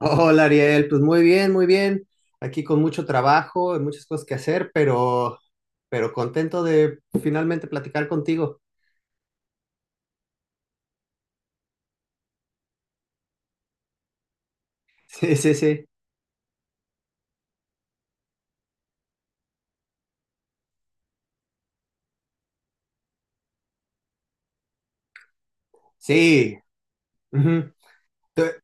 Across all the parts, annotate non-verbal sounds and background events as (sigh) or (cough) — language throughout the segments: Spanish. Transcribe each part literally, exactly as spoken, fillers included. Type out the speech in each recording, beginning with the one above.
Hola Ariel, pues muy bien, muy bien. Aquí con mucho trabajo, y muchas cosas que hacer, pero, pero contento de finalmente platicar contigo. (laughs) Sí, sí, sí. Sí. Ujú. Te-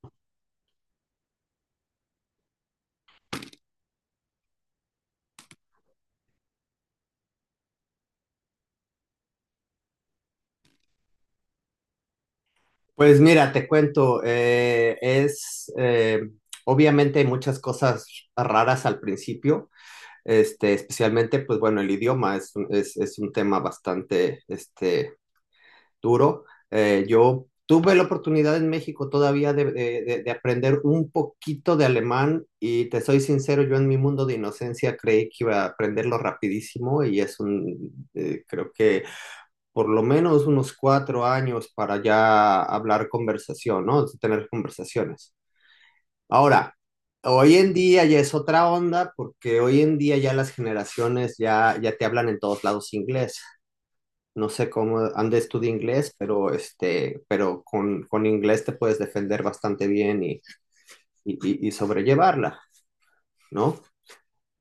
Pues mira, te cuento, eh, es eh, obviamente hay muchas cosas raras al principio, este, especialmente, pues bueno, el idioma es, un- es, es un tema bastante, este, duro. Eh, yo tuve la oportunidad en México todavía de, de, de, de aprender un poquito de alemán y te soy sincero, yo en mi mundo de inocencia creí que iba a aprenderlo rapidísimo y es un, eh, creo que por lo menos unos cuatro años para ya hablar conversación, ¿no? Tener conversaciones. Ahora, hoy en día ya es otra onda porque hoy en día ya las generaciones ya, ya te hablan en todos lados inglés. No sé cómo andes tú de inglés, pero este, pero con, con inglés te puedes defender bastante bien y, y, y- y sobrellevarla, ¿no?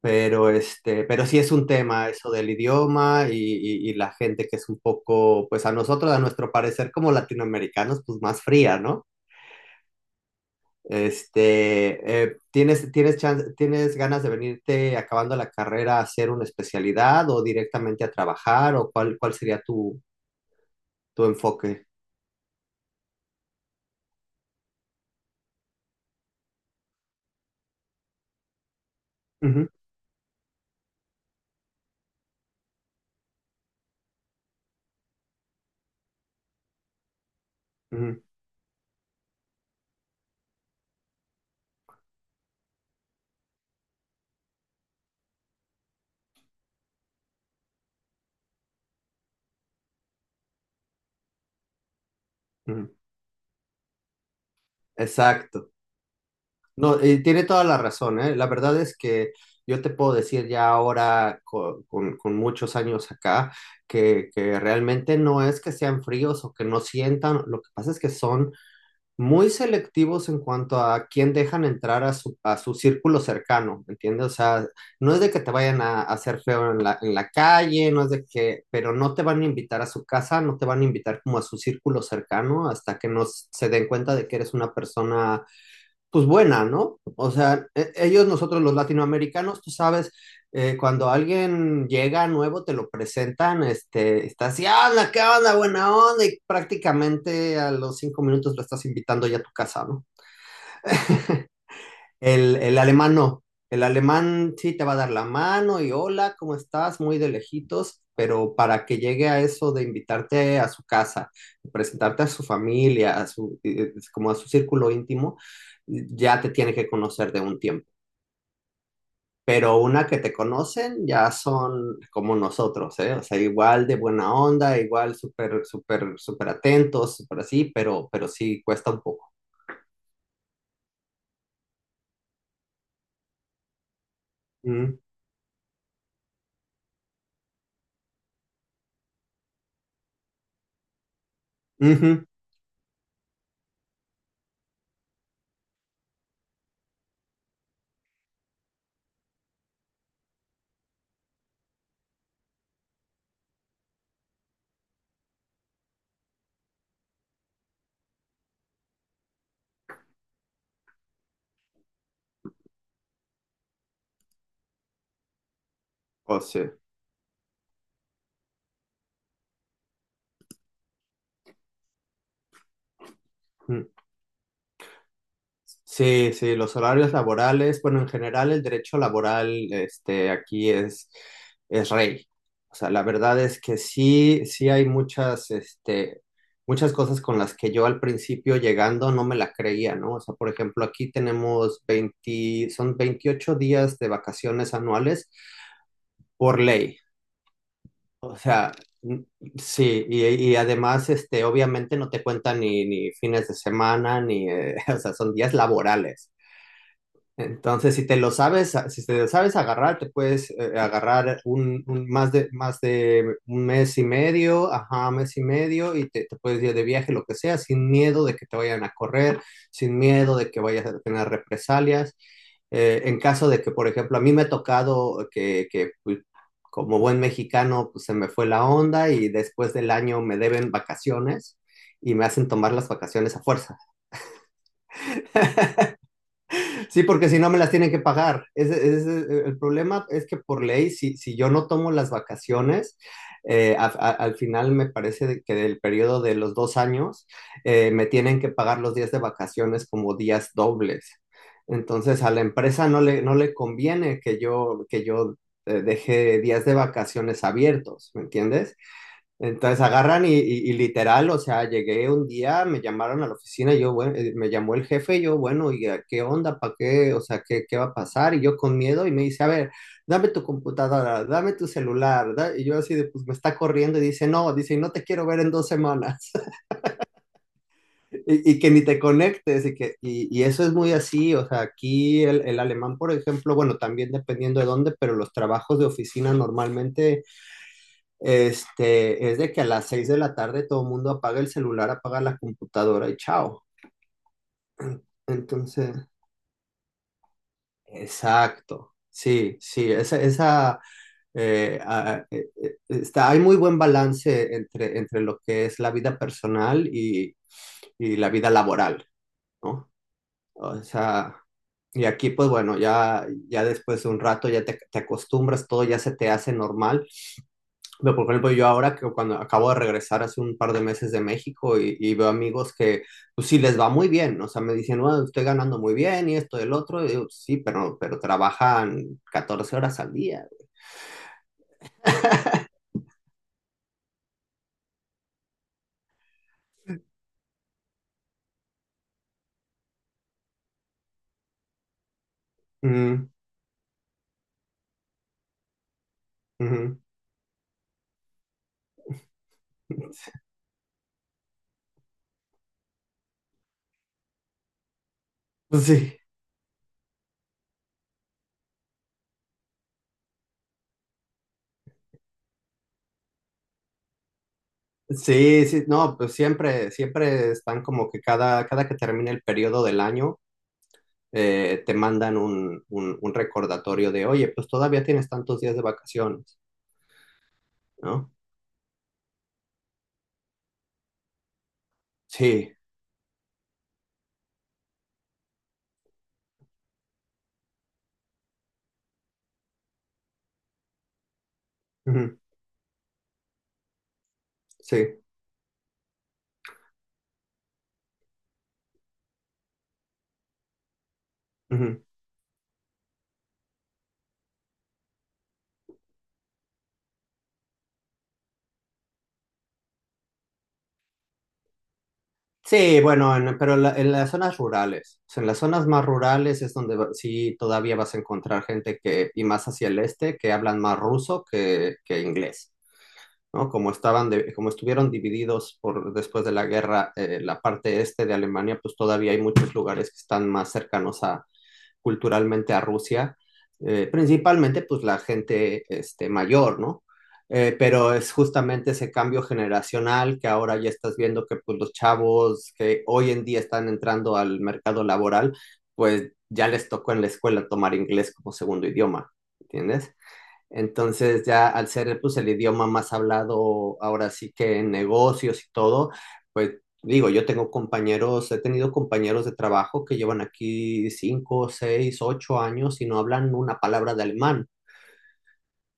Pero este, pero sí es un tema eso del idioma y, y- y la gente que es un poco, pues a nosotros, a nuestro parecer como latinoamericanos, pues más fría, ¿no? Este, eh, ¿tienes, tienes chance- tienes ganas de venirte acabando la carrera a hacer una especialidad o directamente a trabajar o cuál, cuál sería tu, tu enfoque? Ujú, ujú, ujú. Exacto. No, eh, tiene toda la razón, ¿eh? La verdad es que yo te puedo decir ya ahora, co- con, con muchos años acá, que, que realmente no es que sean fríos o que no sientan, lo que pasa es que son muy selectivos en cuanto a quién dejan entrar a su, a su círculo cercano, ¿entiendes? O sea, no es de que te vayan a, a hacer feo en la, en la calle, no es de que, pero no te van a invitar a su casa, no te van a invitar como a su círculo cercano hasta que no se den cuenta de que eres una persona pues buena, ¿no? O sea, e- ellos, nosotros los latinoamericanos, tú sabes, eh, cuando alguien llega nuevo, te lo presentan, este, está así, ah, onda, qué onda, buena onda, y prácticamente a los cinco minutos lo estás invitando ya a tu casa, ¿no? El, el alemán no. El alemán sí te va a dar la mano y hola, ¿cómo estás? Muy de lejitos, pero para que llegue a eso de invitarte a su casa, presentarte a su familia, a su, eh, como a su círculo íntimo, ya te tiene que conocer de un tiempo. Pero una que te conocen ya son como nosotros, ¿eh? O sea, igual de buena onda, igual súper, súper, súper atentos, súper así, pero, pero sí cuesta un poco. Mm, ujú. O sea, mm. Sí, sí, los horarios laborales, bueno, en general el derecho laboral, este, aquí es, es rey. O sea, la verdad es que sí, sí hay muchas, este, muchas cosas con las que yo al principio llegando no me la creía, ¿no? O sea, por ejemplo, aquí tenemos veinte son veintiocho días de vacaciones anuales por ley. O sea, n- sí, y, y además, este, obviamente no te cuentan ni, ni fines de semana, ni, eh, (laughs) o sea, son días laborales. Entonces, si te lo sabes, si te lo sabes agarrar, te puedes eh, agarrar un, un- más de, más de un mes y medio, ajá, mes y medio, y te, te puedes ir de viaje, lo que sea, sin miedo de que te vayan a correr, sin miedo de que vayas a tener represalias. Eh, en caso de que, por ejemplo, a mí me ha tocado que, que, pues, como buen mexicano, pues, se me fue la onda y después del año me deben vacaciones y me hacen tomar las vacaciones a fuerza. Sí, porque si no me las tienen que pagar. Ese, ese es el problema es que por ley, si, si yo no tomo las vacaciones, eh, a- a- al final me parece de que del periodo de los dos años, eh, me tienen que pagar los días de vacaciones como días dobles. Entonces, a la empresa no le, no le conviene que yo, que yo eh, deje días de vacaciones abiertos, ¿me entiendes? Entonces agarran y, y- y literal, o sea, llegué un día, me llamaron a la oficina, y yo, bueno, eh, me llamó el jefe, y yo, bueno, ¿y a qué onda? ¿Para qué? O sea, ¿qué, qué va a pasar? Y yo con miedo, y me dice, a ver, dame tu computadora, dame tu celular, da- y yo así de, pues me está corriendo, y dice, no, dice, y no te quiero ver en dos semanas, (laughs) y, y que ni te conectes, y que, y, y eso es muy así, o sea, aquí el, el alemán, por ejemplo, bueno, también dependiendo de dónde, pero los trabajos de oficina normalmente este, es de que a las seis de la tarde todo el mundo apaga el celular, apaga la computadora y chao. Entonces, exacto. Sí, sí, esa, esa eh, a- eh, eh, está, hay muy buen balance entre, entre lo que es la vida personal y, y la vida laboral, ¿no? O sea, y aquí, pues bueno, ya, ya después de un rato ya te, te acostumbras, todo ya se te hace normal. Pero, por ejemplo, yo ahora que cuando acabo de regresar hace un par de meses de México y, y veo amigos que, pues sí, les va muy bien, o sea, me dicen, bueno, estoy ganando muy bien y esto y el otro, y digo, "Pues, sí, pero, pero trabajan catorce horas al día." Mm, ujú. Pues sí, sí, sí, no, pues siempre, siempre están como que cada, cada que termina el periodo del año, eh, te mandan un, un, un recordatorio de, oye, pues todavía tienes tantos días de vacaciones, ¿no? Sí, ujú, sí. Ujú. Sí, bueno, en- pero en la- en las zonas rurales, o sea, en las zonas más rurales es donde va- sí todavía vas a encontrar gente que, y más hacia el este, que hablan más ruso que, que inglés, ¿no? Como estaban de- como estuvieron divididos por, después de la guerra, eh, la parte este de Alemania, pues todavía hay muchos lugares que están más cercanos a, culturalmente a Rusia, eh, principalmente pues la gente este, mayor, ¿no? Eh, pero es justamente ese cambio generacional que ahora ya estás viendo que pues los chavos que hoy en día están entrando al mercado laboral, pues ya les tocó en la escuela tomar inglés como segundo idioma, ¿entiendes? Entonces ya al ser pues el idioma más hablado ahora sí que en negocios y todo, pues digo, yo tengo compañeros, he tenido compañeros de trabajo que llevan aquí cinco, seis, ocho años y no hablan una palabra de alemán,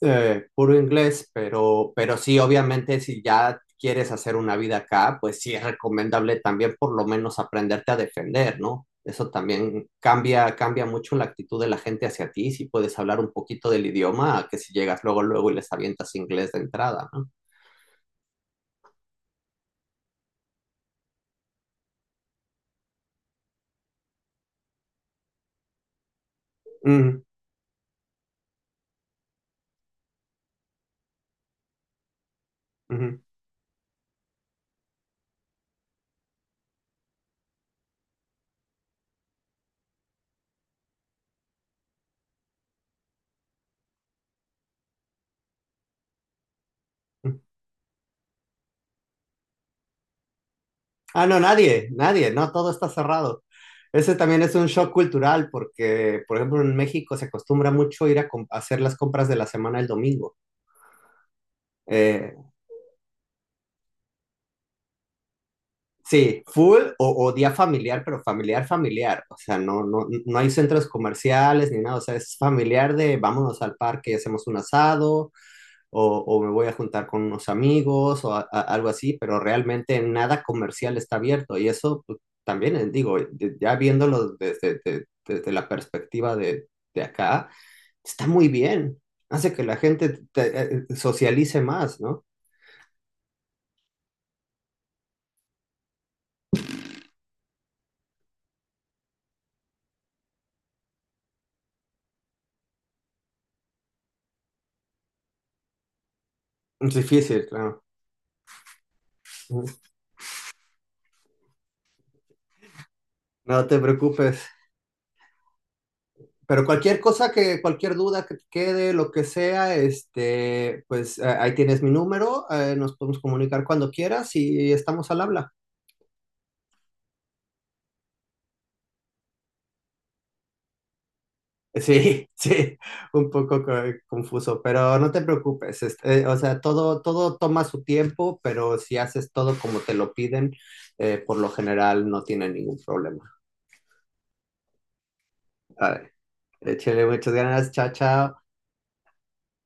eh, puro inglés, pero, pero sí, obviamente, si ya quieres hacer una vida acá, pues sí es recomendable también por lo menos aprenderte a defender, ¿no? Eso también cambia, cambia mucho la actitud de la gente hacia ti, si puedes hablar un poquito del idioma, a que si llegas luego, luego y les avientas inglés de entrada, ¿no? Mm, ujú, ujú. Ah, no, nadie, nadie, no, todo está cerrado. Ese también es un shock cultural porque, por ejemplo, en México se acostumbra mucho ir a, com- a hacer las compras de la semana el domingo. Sí, full o, o día familiar, pero familiar, familiar. O sea, no, no, no hay centros comerciales ni nada. O sea, es familiar de vámonos al parque y hacemos un asado o, o me voy a juntar con unos amigos o a- a- algo así, pero realmente nada comercial está abierto. Y eso pues, también, eh, digo, de- ya viéndolo desde, de- desde la perspectiva de, de acá, está muy bien. Hace que la gente te- eh, eh, socialice más, ¿no? Es difícil, claro. No te preocupes. Pero cualquier cosa que, cualquier duda que te quede, lo que sea, este, pues eh, ahí tienes mi número, eh, nos podemos comunicar cuando quieras y estamos al habla. Sí, (laughs) sí, un poco co- confuso, pero no te preocupes, este, eh, o sea, todo, todo toma su tiempo, pero si haces todo como te lo piden, eh, por lo general no tiene ningún problema. A ver, échale muchas ganas, chao, chao.